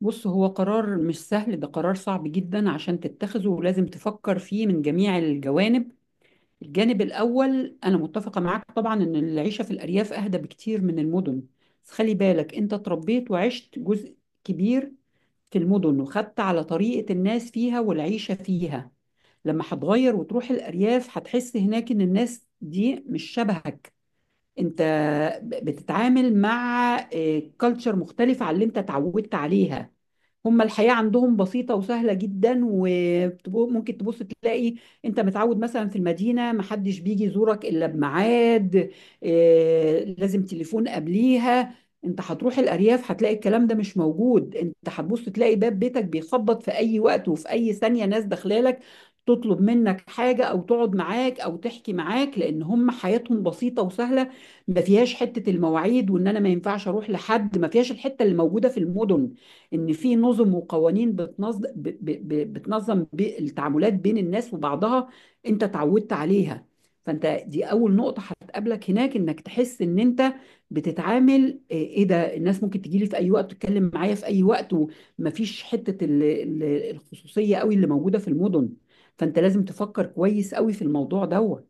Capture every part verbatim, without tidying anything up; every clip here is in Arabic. بص، هو قرار مش سهل. ده قرار صعب جدا عشان تتخذه، ولازم تفكر فيه من جميع الجوانب. الجانب الأول أنا متفقة معاك طبعا إن العيشة في الأرياف أهدى بكتير من المدن. بس خلي بالك أنت اتربيت وعشت جزء كبير في المدن، وخدت على طريقة الناس فيها والعيشة فيها. لما هتغير وتروح الأرياف هتحس هناك إن الناس دي مش شبهك. انت ب- بتتعامل مع كالتشر مختلفة عن اللي انت اتعودت عليها. هما الحياة عندهم بسيطة وسهلة جدا، وممكن تبص تلاقي انت متعود مثلا في المدينة محدش بيجي يزورك الا بميعاد. آه، لازم تليفون قبليها. انت هتروح الارياف هتلاقي الكلام ده مش موجود، انت هتبص تلاقي باب بيتك بيخبط في اي وقت وفي اي ثانية ناس داخلالك تطلب منك حاجة او تقعد معاك او تحكي معاك، لان هم حياتهم بسيطة وسهلة. ما فيهاش حته المواعيد وان انا ما ينفعش اروح لحد ما فيهاش، الحته اللي موجوده في المدن ان في نظم وقوانين بتنظم ب... ب... ب... بتنظم بي- التعاملات بين الناس وبعضها انت اتعودت عليها. فانت دي اول نقطه هتقابلك هناك، انك تحس ان انت بتتعامل. ايه، إيه ده؟ الناس ممكن تجي لي في اي وقت، تتكلم معايا في اي وقت، ومفيش حته ال- ال- الخصوصيه قوي اللي موجوده في المدن. فانت لازم تفكر كويس قوي في الموضوع دوت.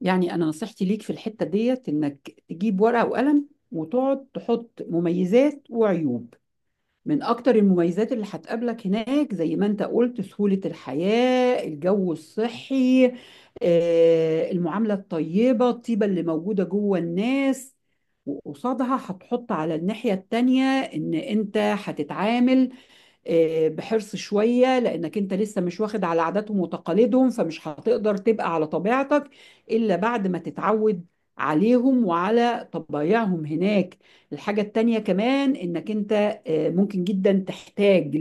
يعني انا نصيحتي ليك في الحتة ديت انك تجيب ورقة وقلم وتقعد تحط مميزات وعيوب. من اكتر المميزات اللي هتقابلك هناك زي ما انت قلت سهولة الحياة، الجو الصحي، آه، المعاملة الطيبة، الطيبة اللي موجودة جوه الناس. وقصادها هتحط على الناحية التانية إن أنت هتتعامل آه، بحرص شوية، لأنك أنت لسه مش واخد على عاداتهم وتقاليدهم، فمش هتقدر تبقى على طبيعتك إلا بعد ما تتعود عليهم وعلى طبايعهم هناك. الحاجة التانية كمان إنك أنت آه، ممكن جدا تحتاج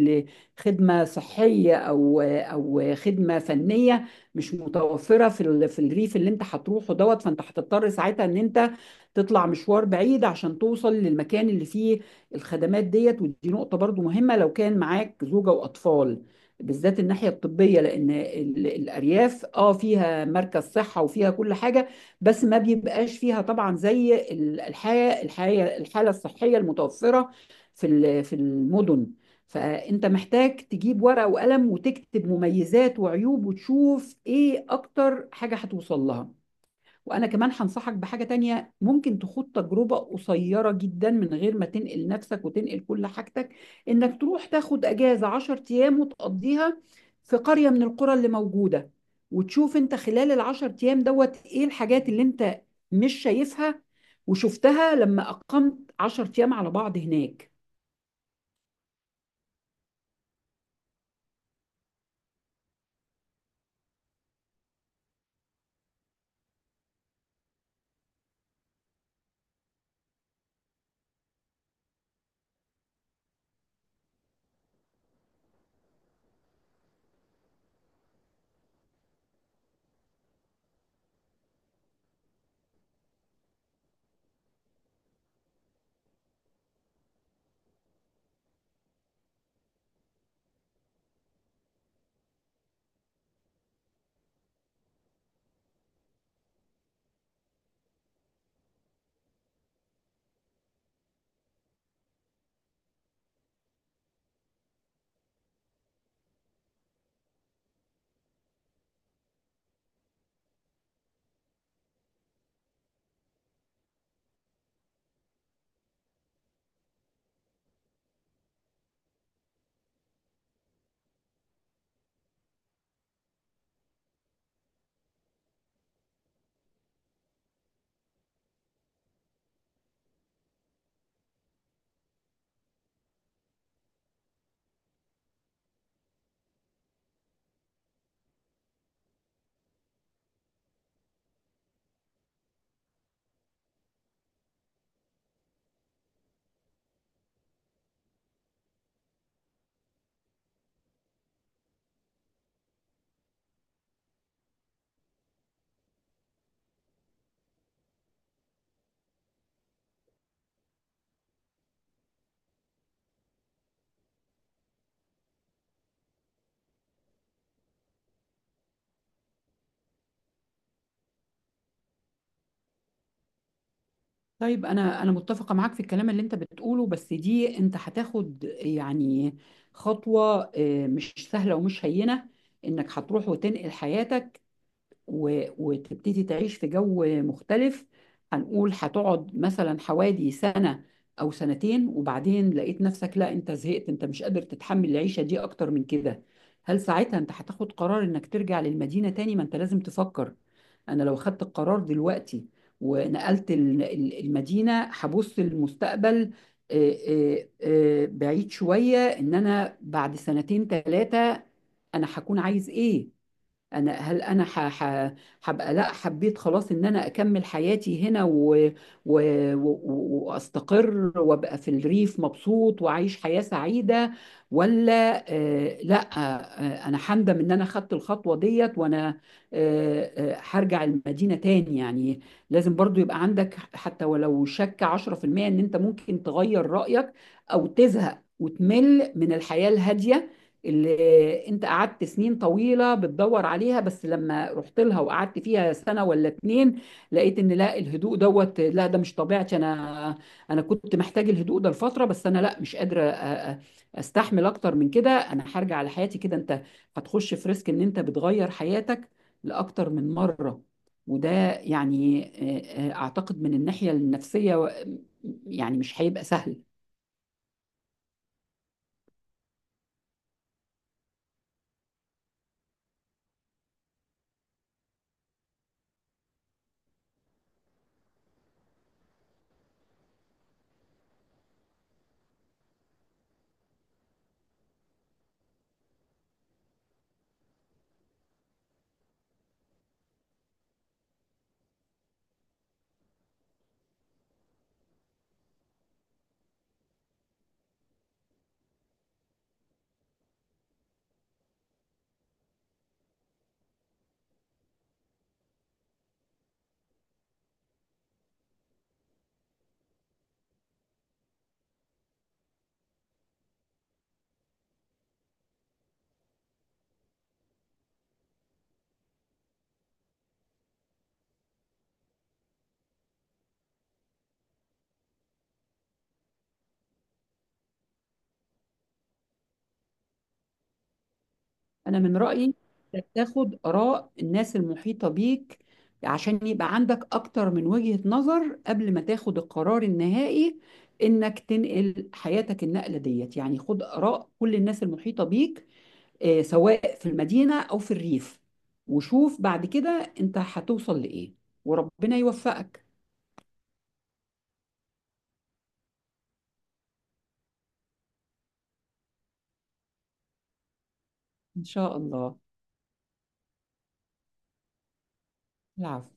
لخدمة صحية أو أو خدمة فنية مش متوفرة في ال- في الريف اللي أنت هتروحه دوت، فأنت هتضطر ساعتها إن أنت تطلع مشوار بعيد عشان توصل للمكان اللي فيه الخدمات ديت. ودي نقطة برضو مهمة لو كان معاك زوجة وأطفال، بالذات الناحية الطبية، لأن ال- الأرياف اه فيها مركز صحة وفيها كل حاجة، بس ما بيبقاش فيها طبعا زي ال- الحياة الحياة الحالة الصحية المتوفرة في ال- في المدن. فأنت محتاج تجيب ورقة وقلم وتكتب مميزات وعيوب، وتشوف إيه أكتر حاجة هتوصل لها. وانا كمان هنصحك بحاجة تانية، ممكن تخوض تجربة قصيرة جدا من غير ما تنقل نفسك وتنقل كل حاجتك، انك تروح تاخد اجازة عشر ايام وتقضيها في قرية من القرى اللي موجودة، وتشوف انت خلال العشر ايام دوت ايه الحاجات اللي انت مش شايفها وشفتها لما اقمت عشر ايام على بعض هناك. طيب، انا انا متفقه معاك في الكلام اللي انت بتقوله، بس دي انت هتاخد يعني خطوه آه، مش سهله ومش هينه، انك هتروح وتنقل حياتك و- وتبتدي تعيش في جو مختلف. هنقول هتقعد مثلا حوالي سنة أو سنتين، وبعدين لقيت نفسك لا أنت زهقت، أنت مش قادر تتحمل العيشة دي أكتر من كده. هل ساعتها أنت هتاخد قرار إنك ترجع للمدينة تاني؟ ما أنت لازم تفكر. أنا لو خدت القرار دلوقتي ونقلت ال- ال- المدينة، هبص للمستقبل آه، آه، آه، بعيد شوية، إن أنا بعد سنتين ثلاثة أنا هكون عايز إيه. انا هل انا ح- ح- هبقى لا حبيت خلاص ان انا اكمل حياتي هنا و... و... و... واستقر وابقى في الريف مبسوط واعيش حياة سعيدة، ولا آه لا آه انا هندم ان انا خدت الخطوة ديت، وانا آه آه هرجع المدينة تاني؟ يعني لازم برضو يبقى عندك حتى ولو شك عشرة في المية ان انت ممكن تغير رأيك او تزهق وتمل من الحياة الهادية اللي انت قعدت سنين طويلة بتدور عليها، بس لما رحت لها وقعدت فيها سنة ولا اتنين لقيت ان لا الهدوء دوت لا ده مش طبيعتي انا. انا كنت محتاج الهدوء ده لفترة، بس انا لا مش قادرة أ- أ- استحمل اكتر من كده، انا هرجع لحياتي. كده انت هتخش في ريسك ان انت بتغير حياتك لاكتر من مرة، وده يعني آه، آه، اعتقد من الناحية النفسية آه، يعني مش هيبقى سهل. انا من رايي إنك تاخد اراء الناس المحيطه بيك، عشان يبقى عندك اكتر من وجهه نظر قبل ما تاخد القرار النهائي انك تنقل حياتك النقله ديت. يعني خد اراء كل الناس المحيطه بيك، آه، سواء في المدينه او في الريف، وشوف بعد كده انت هتوصل لايه. وربنا يوفقك. ان شاء الله. العفو.